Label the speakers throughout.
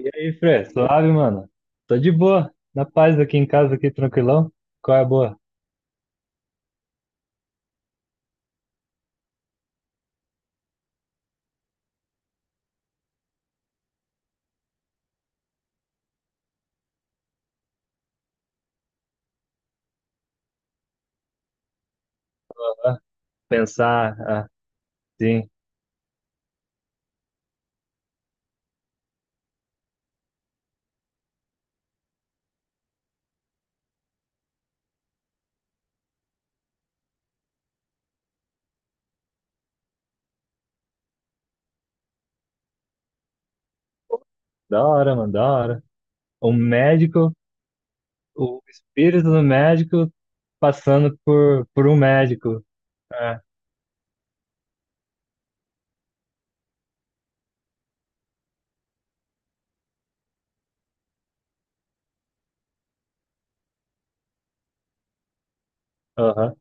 Speaker 1: E aí, Fê? Suave, mano? Tô de boa, na paz aqui em casa, aqui tranquilão. Qual é a boa? Pensar, ah, sim, da hora, mano, da hora. O médico, o espírito do médico passando por um médico. É, aham,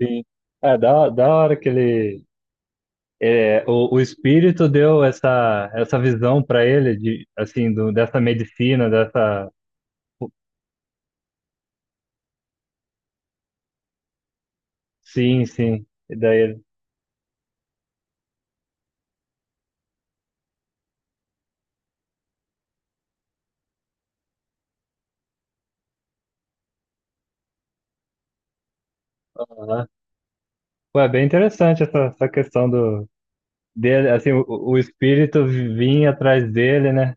Speaker 1: sim. É, da hora que ele. É, o espírito deu essa, essa visão pra ele, de, assim, do, dessa medicina, dessa. Sim, sim. E daí ele. Aham. Pô, é bem interessante essa, essa questão do. Dele, assim, o espírito vinha atrás dele, né?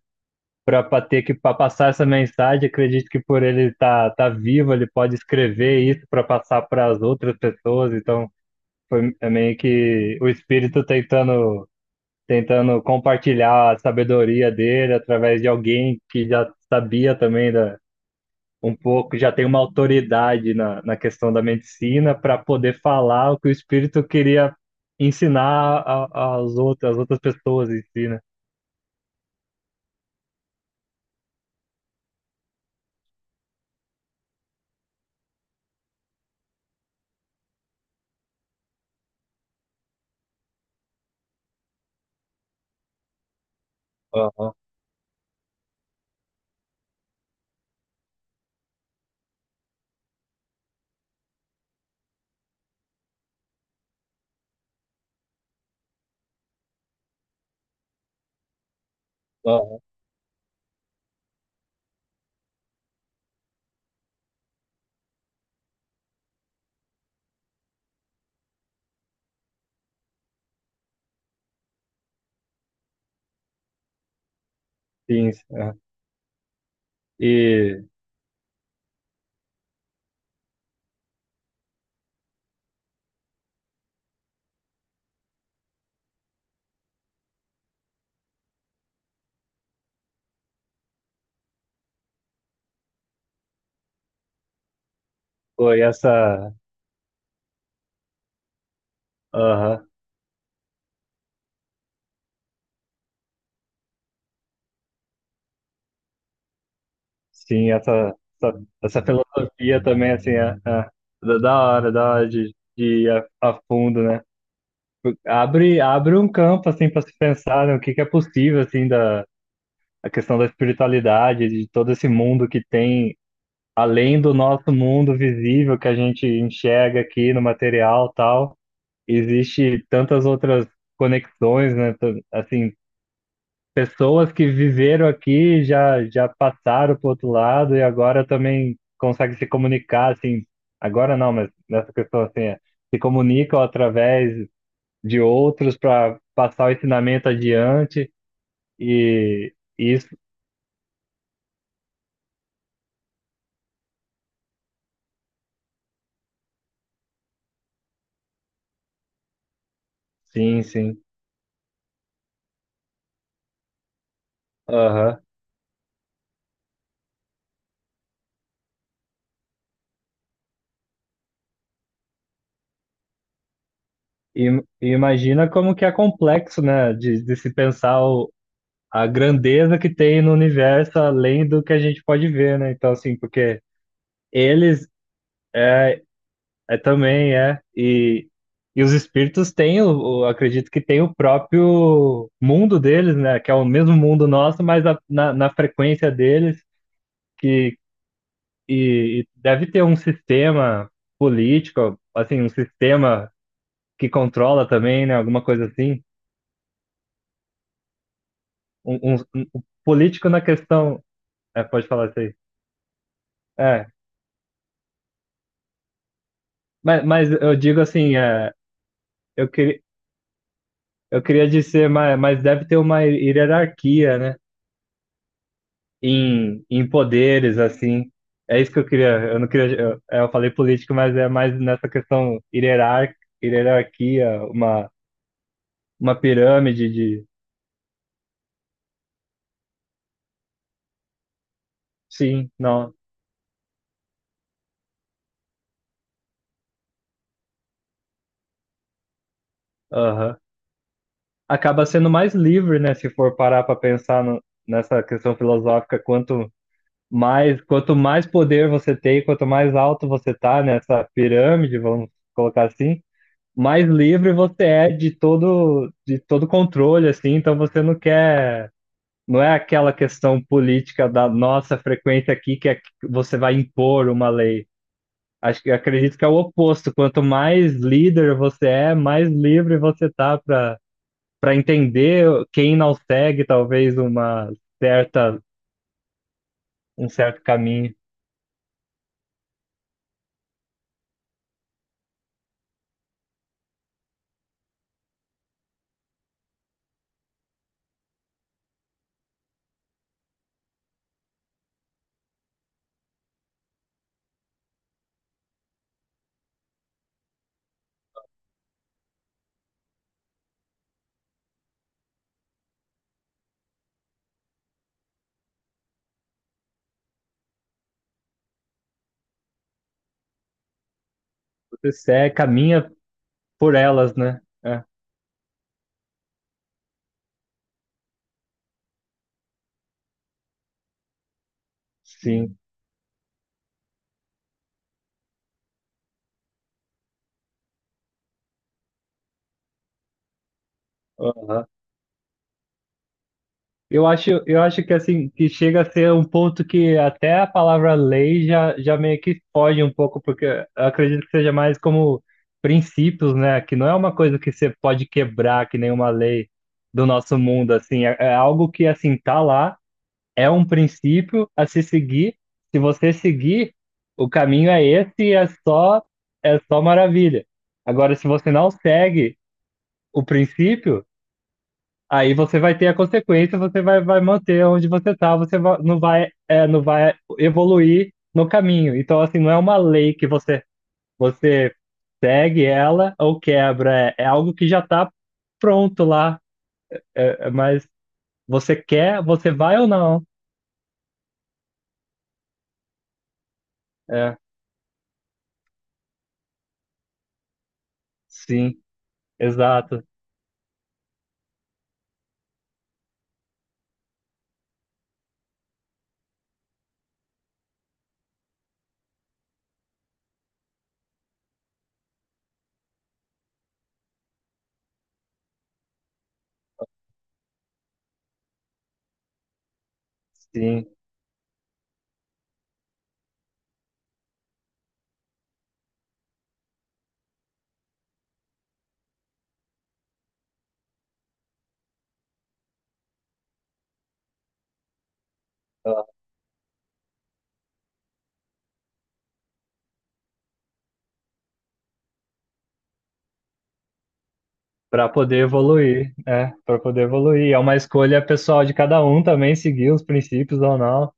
Speaker 1: Para ter que pra passar essa mensagem, acredito que por ele estar tá, tá vivo, ele pode escrever isso para passar para as outras pessoas. Então, foi é meio que o espírito tentando tentando compartilhar a sabedoria dele através de alguém que já sabia também da, um pouco, já tem uma autoridade na, na questão da medicina para poder falar o que o espírito queria ensinar aos outros, às outras pessoas em si, né? Aham, aham, sim, aham. E foi essa, aham, sim, essa filosofia também, assim, é, é, da hora, da hora de ir a fundo, né? Abre, abre um campo, assim, para se pensar, né, o que que é possível, assim, da a questão da espiritualidade, de todo esse mundo que tem, além do nosso mundo visível que a gente enxerga aqui no material, e tal, existe tantas outras conexões, né? Assim, pessoas que viveram aqui, já, já passaram para o outro lado e agora também conseguem se comunicar, assim, agora não, mas nessa questão assim, é, se comunicam através de outros para passar o ensinamento adiante e isso, sim, sim, aham. E, e imagina como que é complexo, né, de se pensar o, a grandeza que tem no universo além do que a gente pode ver, né, então assim, porque eles, é, é também, é. E os espíritos têm, o, acredito que tem o próprio mundo deles, né? Que é o mesmo mundo nosso, mas na, na frequência deles, que e deve ter um sistema político, assim, um sistema que controla também, né? Alguma coisa assim. Um político na questão. É, pode falar isso aí. É. Mas eu digo assim, é, eu, queria eu queria dizer, mas deve ter uma hierarquia, né? Em, em poderes, assim. É isso que eu queria. Eu não queria. Eu, é, eu falei político, mas é mais nessa questão hierarquia, uma pirâmide de. Sim, não. Aham. Acaba sendo mais livre, né? Se for parar para pensar nessa questão filosófica, quanto mais poder você tem, quanto mais alto você tá nessa pirâmide, vamos colocar assim, mais livre você é de todo controle, assim. Então você não quer. Não é aquela questão política da nossa frequência aqui que é que você vai impor uma lei. Acho que acredito que é o oposto. Quanto mais líder você é, mais livre você tá para para entender quem não segue talvez uma certa um certo caminho. Você segue, caminha por elas, né? É, sim. Aham. Eu acho que assim, que chega a ser um ponto que até a palavra lei já, já meio que foge um pouco, porque eu acredito que seja mais como princípios, né? Que não é uma coisa que você pode quebrar, que nenhuma lei do nosso mundo, assim, é, é algo que assim tá lá, é um princípio a se seguir. Se você seguir, o caminho é esse e é só maravilha. Agora, se você não segue o princípio, aí você vai ter a consequência, você vai, vai manter onde você tá, você não vai, é, não vai evoluir no caminho. Então, assim, não é uma lei que você, você segue ela ou quebra, é, é algo que já tá pronto lá, é, é, mas você quer, você vai ou não. É, sim, exato, sim, para poder evoluir, é, para poder evoluir. É uma escolha pessoal de cada um também, seguir os princípios ou não.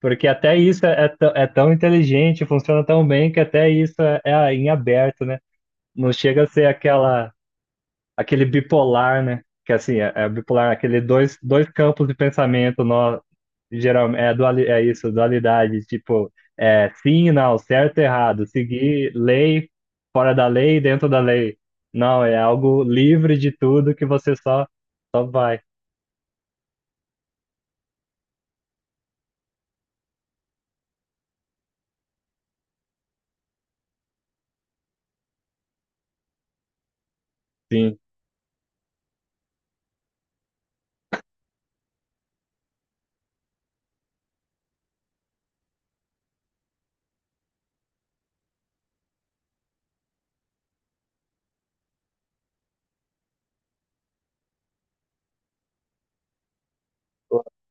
Speaker 1: Porque até isso é, é tão inteligente, funciona tão bem que até isso é, é em aberto, né? Não chega a ser aquela, aquele bipolar, né? Que assim, é, é bipolar, aquele dois, dois campos de pensamento, nó, geralmente, é, duali, é isso, dualidade, tipo, é sim e não, certo e errado, seguir lei, fora da lei, dentro da lei. Não, é algo livre de tudo que você só, só vai. Sim.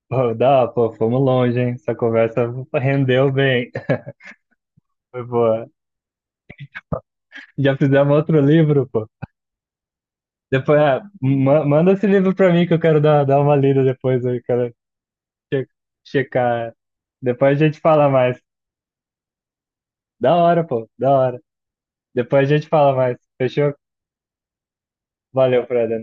Speaker 1: Pô, dá, pô, fomos longe, hein? Essa conversa rendeu bem. Foi boa. Já fizemos outro livro, pô. Depois, ah, manda esse livro pra mim que eu quero dar, dar uma lida depois, eu quero che- checar. Depois a gente fala mais. Da hora, pô, da hora. Depois a gente fala mais. Fechou? Valeu, Freda.